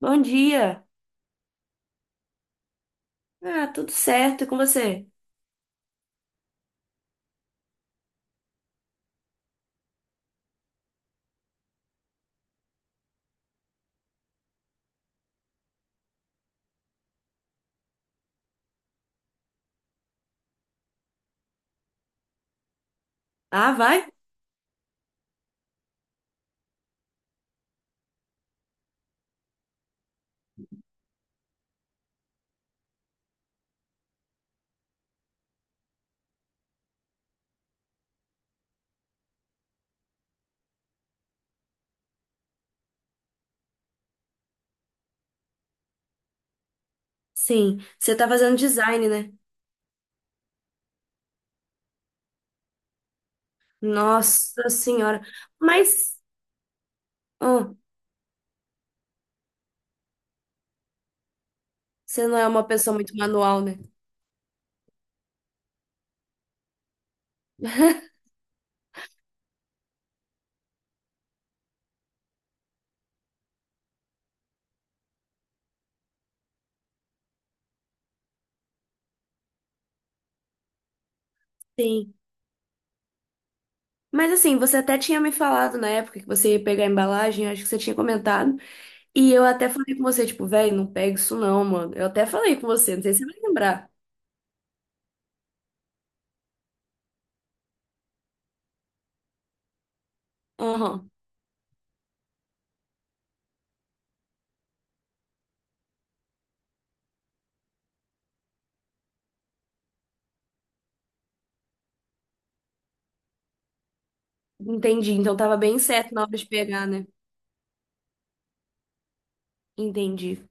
Bom dia. Ah, tudo certo. E com você? Ah, vai? Sim. Você tá fazendo design, né? Nossa senhora. Mas, ah, você não é uma pessoa muito manual, né? Sim. Mas assim, você até tinha me falado na época que você ia pegar a embalagem, acho que você tinha comentado. E eu até falei com você, tipo, velho, não pega isso não, mano. Eu até falei com você, não sei se você vai lembrar. Aham. Entendi. Então tava bem certo na hora de pegar, né? Entendi.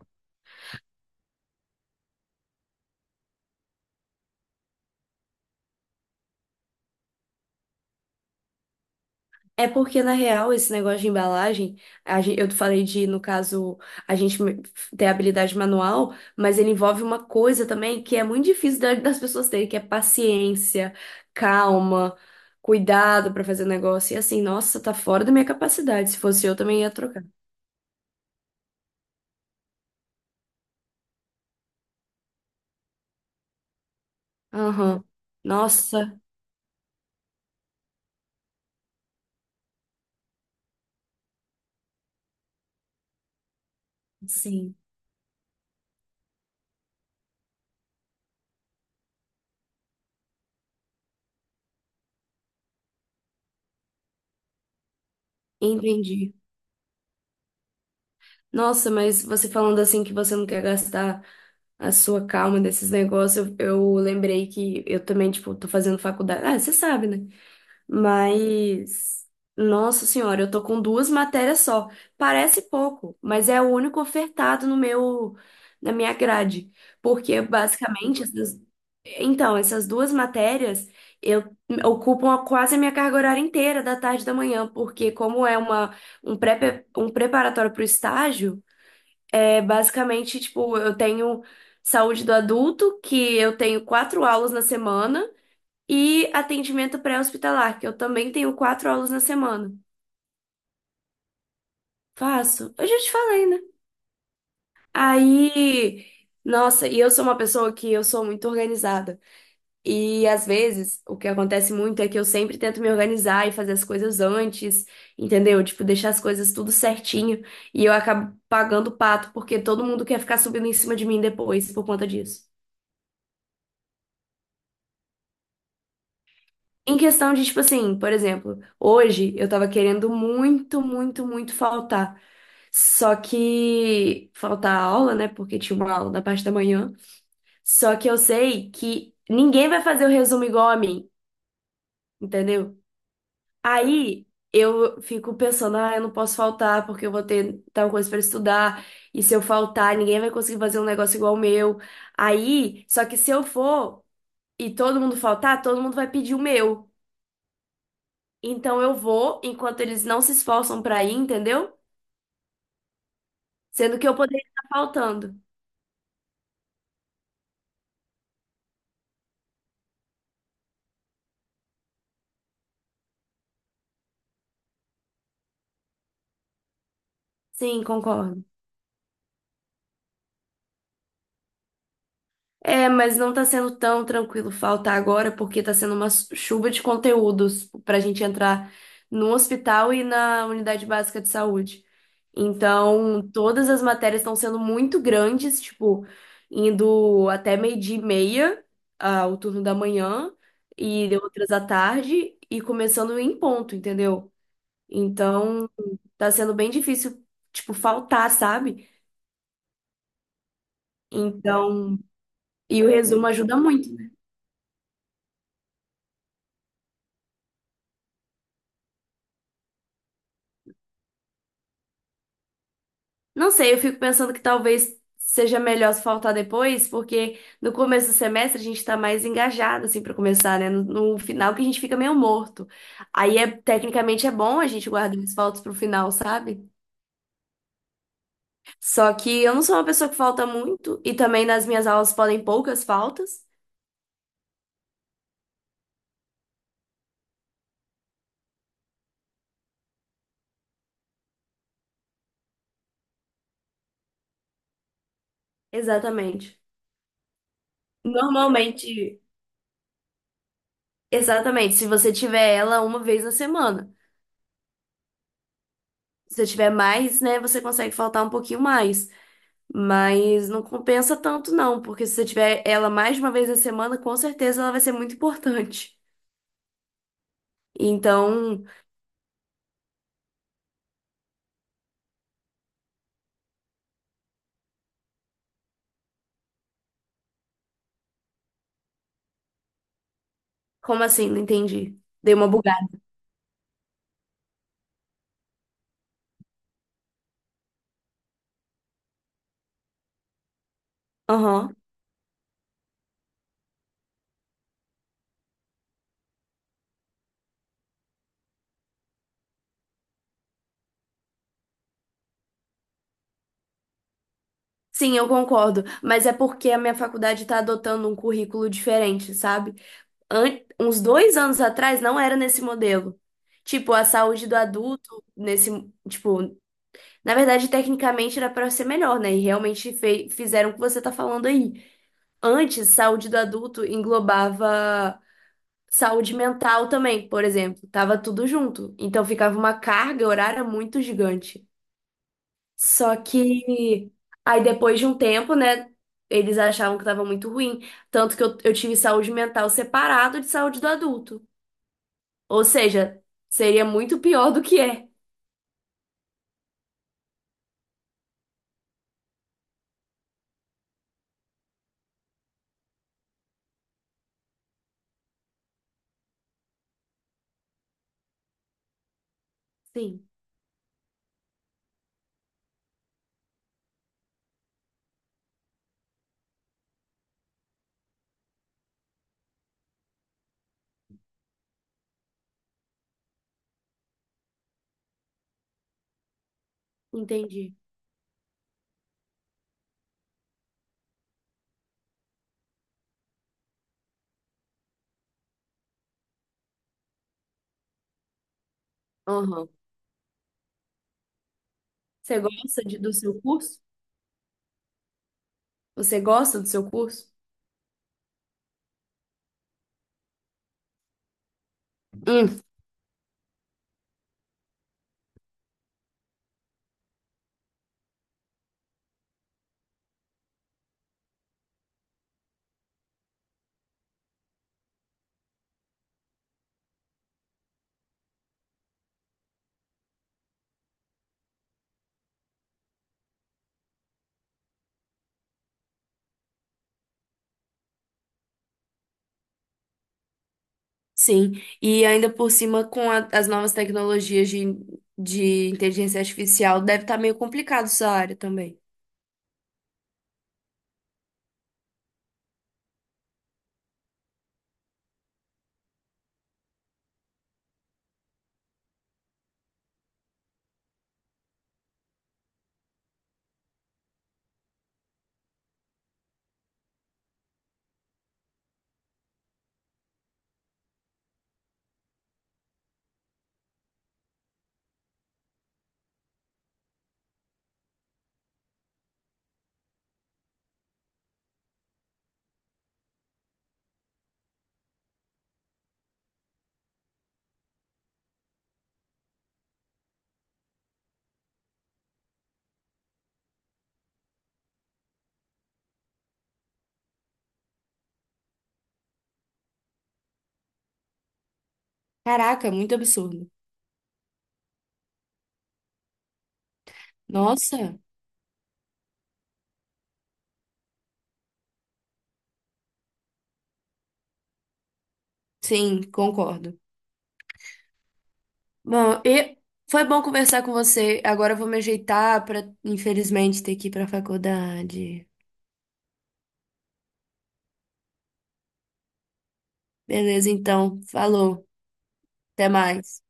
É porque, na real, esse negócio de embalagem, eu falei de, no caso, a gente me- ter habilidade manual, mas ele envolve uma coisa também que é muito difícil das pessoas terem, que é paciência, calma, cuidado pra fazer o negócio. E assim, nossa, tá fora da minha capacidade. Se fosse eu, também ia trocar. Aham. Nossa, sim, entendi. Nossa, mas você falando assim que você não quer gastar a sua calma desses negócios, eu lembrei que eu também, tipo, tô fazendo faculdade. Ah, você sabe, né? Mas, nossa senhora, eu tô com duas matérias só. Parece pouco, mas é o único ofertado no meu, na minha grade. Porque basicamente, então, essas duas matérias eu ocupam quase a minha carga horária inteira da tarde e da manhã, porque como é um preparatório para o estágio, é basicamente, tipo, eu tenho saúde do adulto, que eu tenho 4 aulas na semana. E atendimento pré-hospitalar, que eu também tenho 4 aulas na semana. Faço. Eu já te falei, né? Aí, nossa, e eu sou uma pessoa que eu sou muito organizada. E às vezes, o que acontece muito é que eu sempre tento me organizar e fazer as coisas antes, entendeu? Tipo, deixar as coisas tudo certinho. E eu acabo pagando o pato, porque todo mundo quer ficar subindo em cima de mim depois por conta disso. Em questão de, tipo assim, por exemplo, hoje eu tava querendo muito, muito, muito faltar. Só que falta a aula, né? Porque tinha uma aula da parte da manhã. Só que eu sei que ninguém vai fazer o resumo igual a mim, entendeu? Aí eu fico pensando, ah, eu não posso faltar porque eu vou ter tal coisa para estudar. E se eu faltar, ninguém vai conseguir fazer um negócio igual o meu. Aí, só que se eu for e todo mundo faltar, todo mundo vai pedir o meu. Então eu vou enquanto eles não se esforçam para ir, entendeu? Sendo que eu poderia estar faltando. Sim, concordo. É, mas não tá sendo tão tranquilo faltar agora, porque tá sendo uma chuva de conteúdos pra gente entrar no hospital e na unidade básica de saúde. Então, todas as matérias estão sendo muito grandes, tipo, indo até meio-dia e meia, ah, o turno da manhã, e outras à tarde, e começando em ponto, entendeu? Então, tá sendo bem difícil, tipo, faltar, sabe? Então, e o resumo ajuda muito. Não sei, eu fico pensando que talvez seja melhor se faltar depois, porque no começo do semestre a gente tá mais engajado, assim, pra começar, né? No, no final que a gente fica meio morto. Aí, é, tecnicamente, é bom a gente guardar os faltos pro final, sabe? Só que eu não sou uma pessoa que falta muito, e também nas minhas aulas podem poucas faltas. Exatamente. Normalmente, exatamente, se você tiver ela uma vez na semana. Se você tiver mais, né, você consegue faltar um pouquinho mais. Mas não compensa tanto, não, porque se você tiver ela mais de uma vez na semana, com certeza ela vai ser muito importante. Então, como assim? Não entendi. Dei uma bugada. Aham. Sim, eu concordo. Mas é porque a minha faculdade está adotando um currículo diferente, sabe? Uns 2 anos atrás não era nesse modelo. Tipo, a saúde do adulto, nesse. Tipo, na verdade, tecnicamente era para ser melhor, né? E realmente fizeram o que você tá falando aí. Antes, saúde do adulto englobava. Saúde mental também, por exemplo, tava tudo junto. Então ficava uma carga horária muito gigante. Só que aí depois de um tempo, né, eles achavam que tava muito ruim. Tanto que eu tive saúde mental separado de saúde do adulto. Ou seja, seria muito pior do que é. Sim, entendi. Aham. Você gosta de- do seu curso? Você gosta do seu curso? Sim, e ainda por cima com as novas tecnologias de inteligência artificial, deve estar meio complicado essa área também. Caraca, muito absurdo. Nossa, sim, concordo. Bom, e foi bom conversar com você. Agora eu vou me ajeitar para, infelizmente, ter que ir para a faculdade. Beleza, então, falou. Até mais.